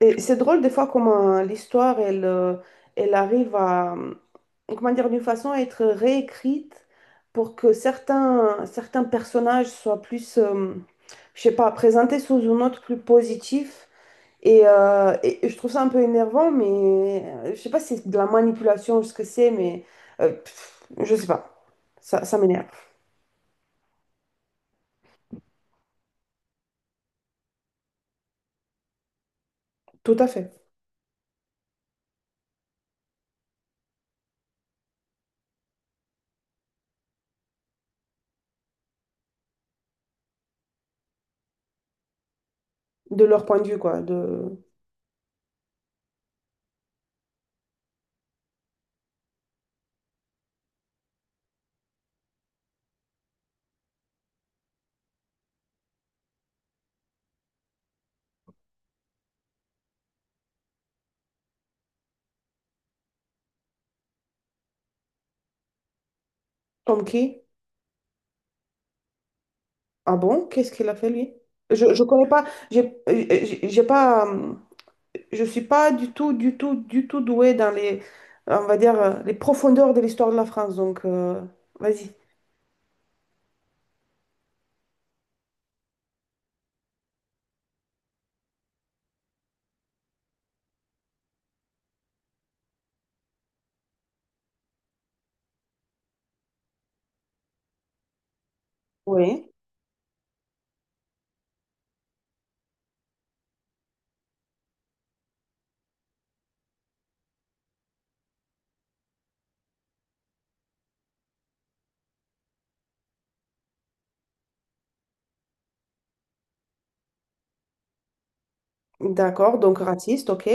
Et c'est drôle des fois comment l'histoire, elle, elle arrive à, comment dire, d'une façon à être réécrite pour que certains personnages soient plus, je sais pas, présentés sous une autre plus positif. Et je trouve ça un peu énervant, mais je sais pas si c'est de la manipulation, ce que c'est, mais je sais pas. Ça m'énerve. Tout à fait. De leur point de vue, quoi. De... Comme qui? Ah bon? Qu'est-ce qu'il a fait lui? Je connais pas, j'ai euh, j'ai pas, je suis pas du tout, du tout, du tout douée dans les, on va dire, les profondeurs de l'histoire de la France. Donc, vas-y. Oui. D'accord, donc raciste, ok.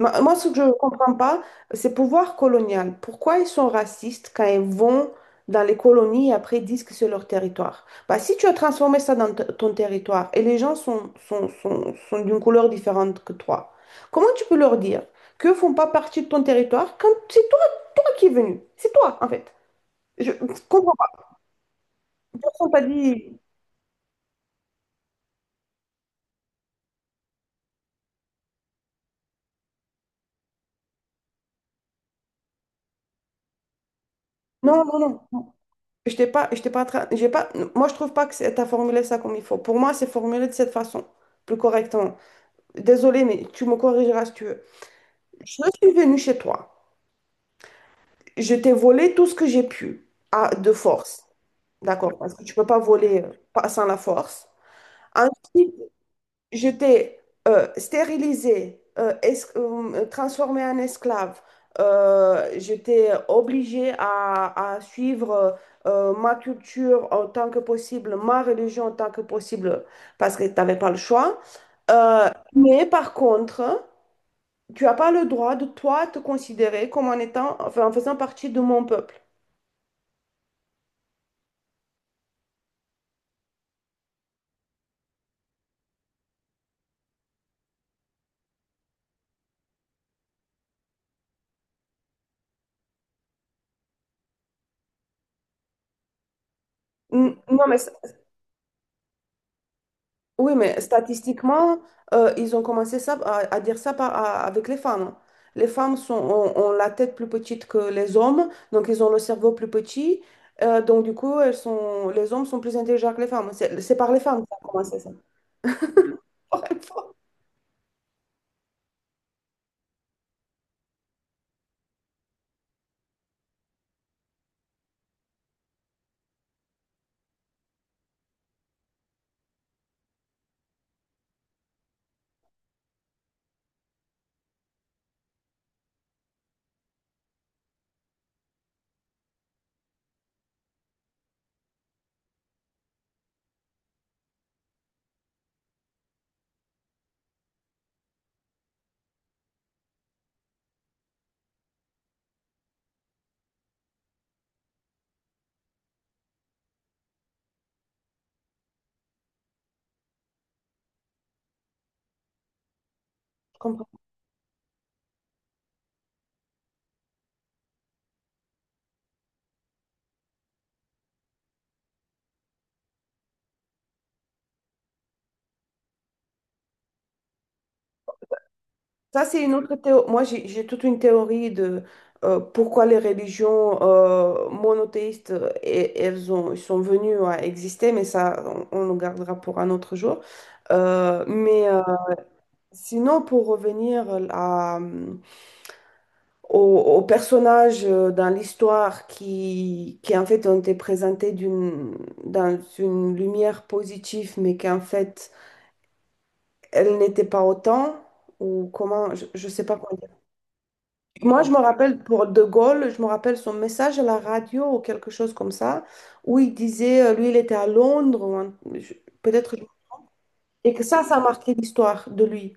Moi, ce que je ne comprends pas, c'est pouvoir colonial. Pourquoi ils sont racistes quand ils vont dans les colonies et après disent que c'est leur territoire? Bah, si tu as transformé ça dans ton territoire et les gens sont, sont d'une couleur différente que toi, comment tu peux leur dire qu'ils ne font pas partie de ton territoire quand c'est toi qui es venu? C'est toi, en fait. Je comprends pas. Personne t'a dit non, non, non. Je t'ai pas, tra- j'ai pas, moi, je trouve pas que t'as formulé ça comme il faut. Pour moi, c'est formulé de cette façon, plus correctement. Désolée, mais tu me corrigeras si tu veux. Je suis venue chez toi. Je t'ai volé tout ce que j'ai pu, à, de force. D'accord? Parce que tu ne peux pas voler sans la force. Ensuite, je t'ai stérilisé, transformé en esclave. Je t'ai obligé à suivre ma culture en tant que possible, ma religion en tant que possible, parce que tu n'avais pas le choix. Euh, mais par contre, tu n'as pas le droit de toi te considérer comme en étant, enfin, en faisant partie de mon peuple. Non, mais, oui, mais statistiquement, ils ont commencé ça, à dire ça avec les femmes. Les femmes sont, ont la tête plus petite que les hommes, donc ils ont le cerveau plus petit. Donc, du coup, elles sont, les hommes sont plus intelligents que les femmes. C'est par les femmes que ça a commencé, ça. Par les femmes. Ça, c'est une autre théorie. Moi, j'ai toute une théorie de pourquoi les religions monothéistes, elles ont, elles sont venues à exister, mais ça, on le gardera pour un autre jour. Euh, mais euh, sinon, pour revenir à, au personnage dans l'histoire qui, en fait, ont été présentés d'une, dans une lumière positive, mais qu'en fait, elle n'était pas autant, ou comment, je ne sais pas. Moi, je me rappelle pour De Gaulle, je me rappelle son message à la radio ou quelque chose comme ça, où il disait, lui, il était à Londres, ou je- peut-être, et que ça a marqué l'histoire de lui.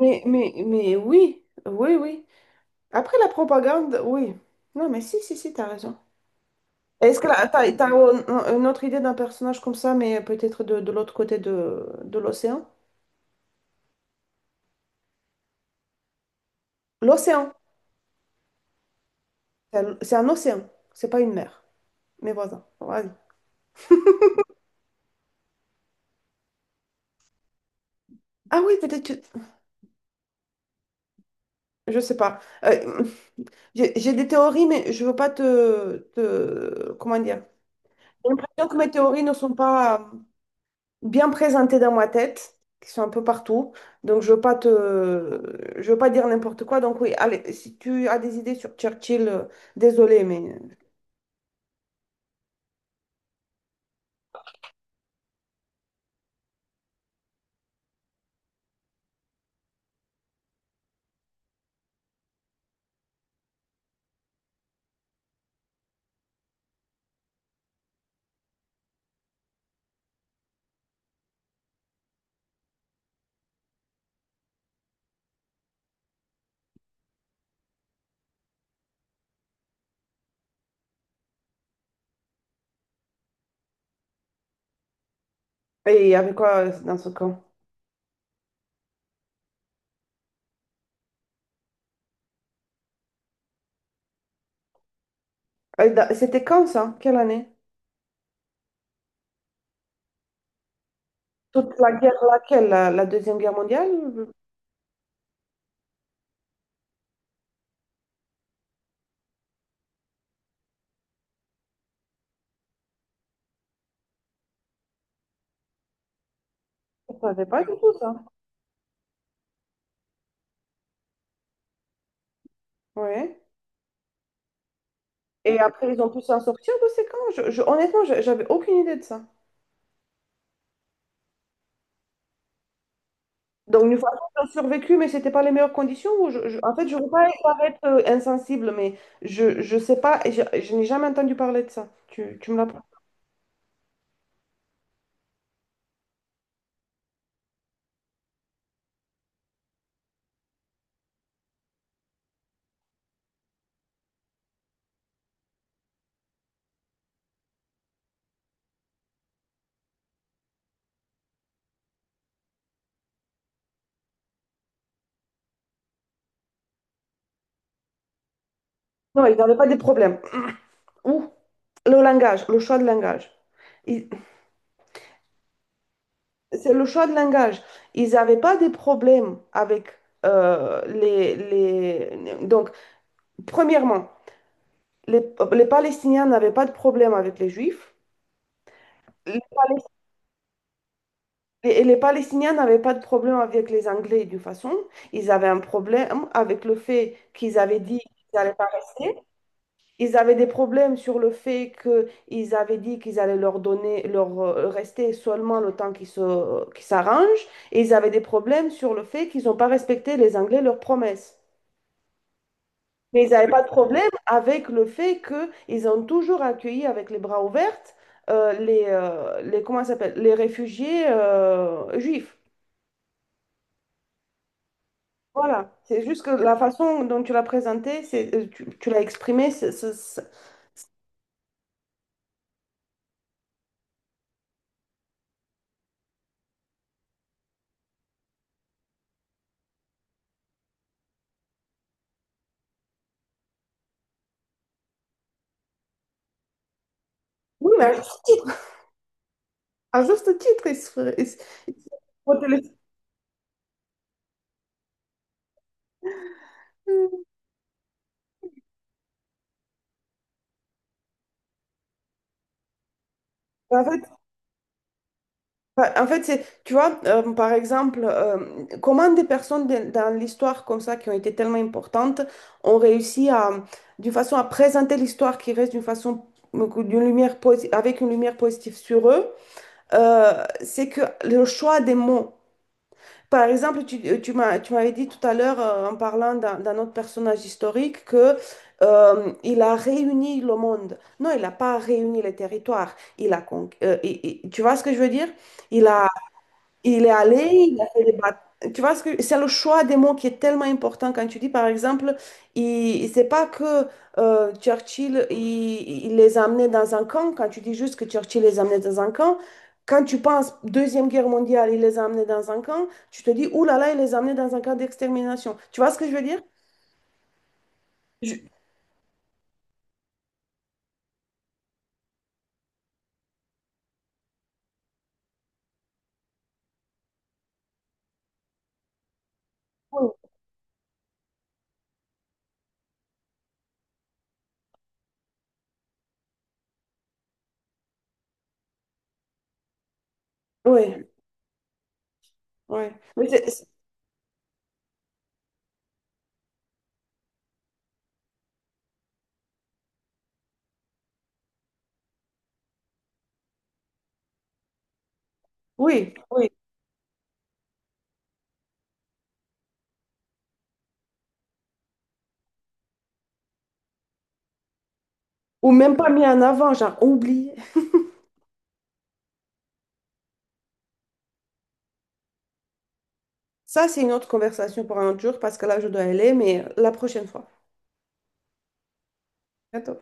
Mais oui, oui, oui. Après la propagande, oui. Non, mais si, si, si, t'as raison. Est-ce que là, t'as une autre idée d'un personnage comme ça, mais peut-être de l'autre côté de l'océan? L'océan, c'est un océan, c'est pas une mer. Mais voilà, vas-y. Ah oui, peut-être, je sais pas. J'ai des théories, mais je veux pas comment dire? J'ai l'impression que mes théories ne sont pas bien présentées dans ma tête, qui sont un peu partout. Donc, je veux pas te... Je veux pas dire n'importe quoi. Donc, oui, allez, si tu as des idées sur Churchill, désolé, mais... et il y avait quoi dans ce camp? C'était quand, ça? Quelle année? Toute la guerre, laquelle? La Deuxième Guerre mondiale? Je ne savais pas du tout, ça. Ouais. Et après, ils ont pu s'en sortir de ces camps? Honnêtement, j'avais aucune idée de ça. Donc, une fois j'ai survécu, mais c'était pas les meilleures conditions. Ou en fait, je ne veux pas paraître insensible, mais je sais pas, et je n'ai jamais entendu parler de ça. Tu me l'apprends. Non, ils n'avaient pas des problèmes. Ou le langage, le choix de langage. Ils- C'est le choix de langage. Ils n'avaient pas des problèmes avec les... Donc, premièrement, les, les Palestiniens n'avaient pas de problème avec les Juifs. Les Et les Palestiniens n'avaient pas de problème avec les Anglais d'une façon. Ils avaient un problème avec le fait qu'ils avaient dit qu'ils n'allaient pas rester. Ils avaient des problèmes sur le fait qu'ils avaient dit qu'ils allaient leur donner, leur rester seulement le temps qu'ils qu'ils s'arrangent. Et ils avaient des problèmes sur le fait qu'ils n'ont pas respecté les Anglais leurs promesses. Mais ils n'avaient pas de problème avec le fait qu'ils ont toujours accueilli avec les bras ouverts les, comment ça s'appelle, les réfugiés juifs. Voilà, c'est juste que la façon dont tu l'as présenté, tu, tu l'as exprimé, oui, mais à juste titre, il se- faut te le- en fait, en fait, c'est, tu vois, par exemple, comment des personnes dans l'histoire comme ça, qui ont été tellement importantes, ont réussi à, d'une façon à présenter l'histoire qui reste d'une façon, d'une avec une lumière positive sur eux, c'est que le choix des mots. Par exemple, tu m'as, tu m'avais dit tout à l'heure, en parlant d'un autre personnage historique, que, il a réuni le monde. Non, il n'a pas réuni les territoires. Il a con- et- tu vois ce que je veux dire? Il a il est allé, il a fait des batailles. Tu vois, c'est le choix des mots qui est tellement important quand tu dis, par exemple, il, c'est pas que Churchill, il les a amenés dans un camp. Quand tu dis juste que Churchill les a amenés dans un camp, quand tu penses Deuxième Guerre mondiale, il les a amenés dans un camp, tu te dis, ouh là là, il les a amenés dans un camp d'extermination. Tu vois ce que je veux dire? Je- Oui, oui. Oui, mais oui. Oui. Ou même pas mis en avant, genre oublié. Ça, c'est une autre conversation pour un autre jour parce que là, je dois aller, mais la prochaine fois. À bientôt.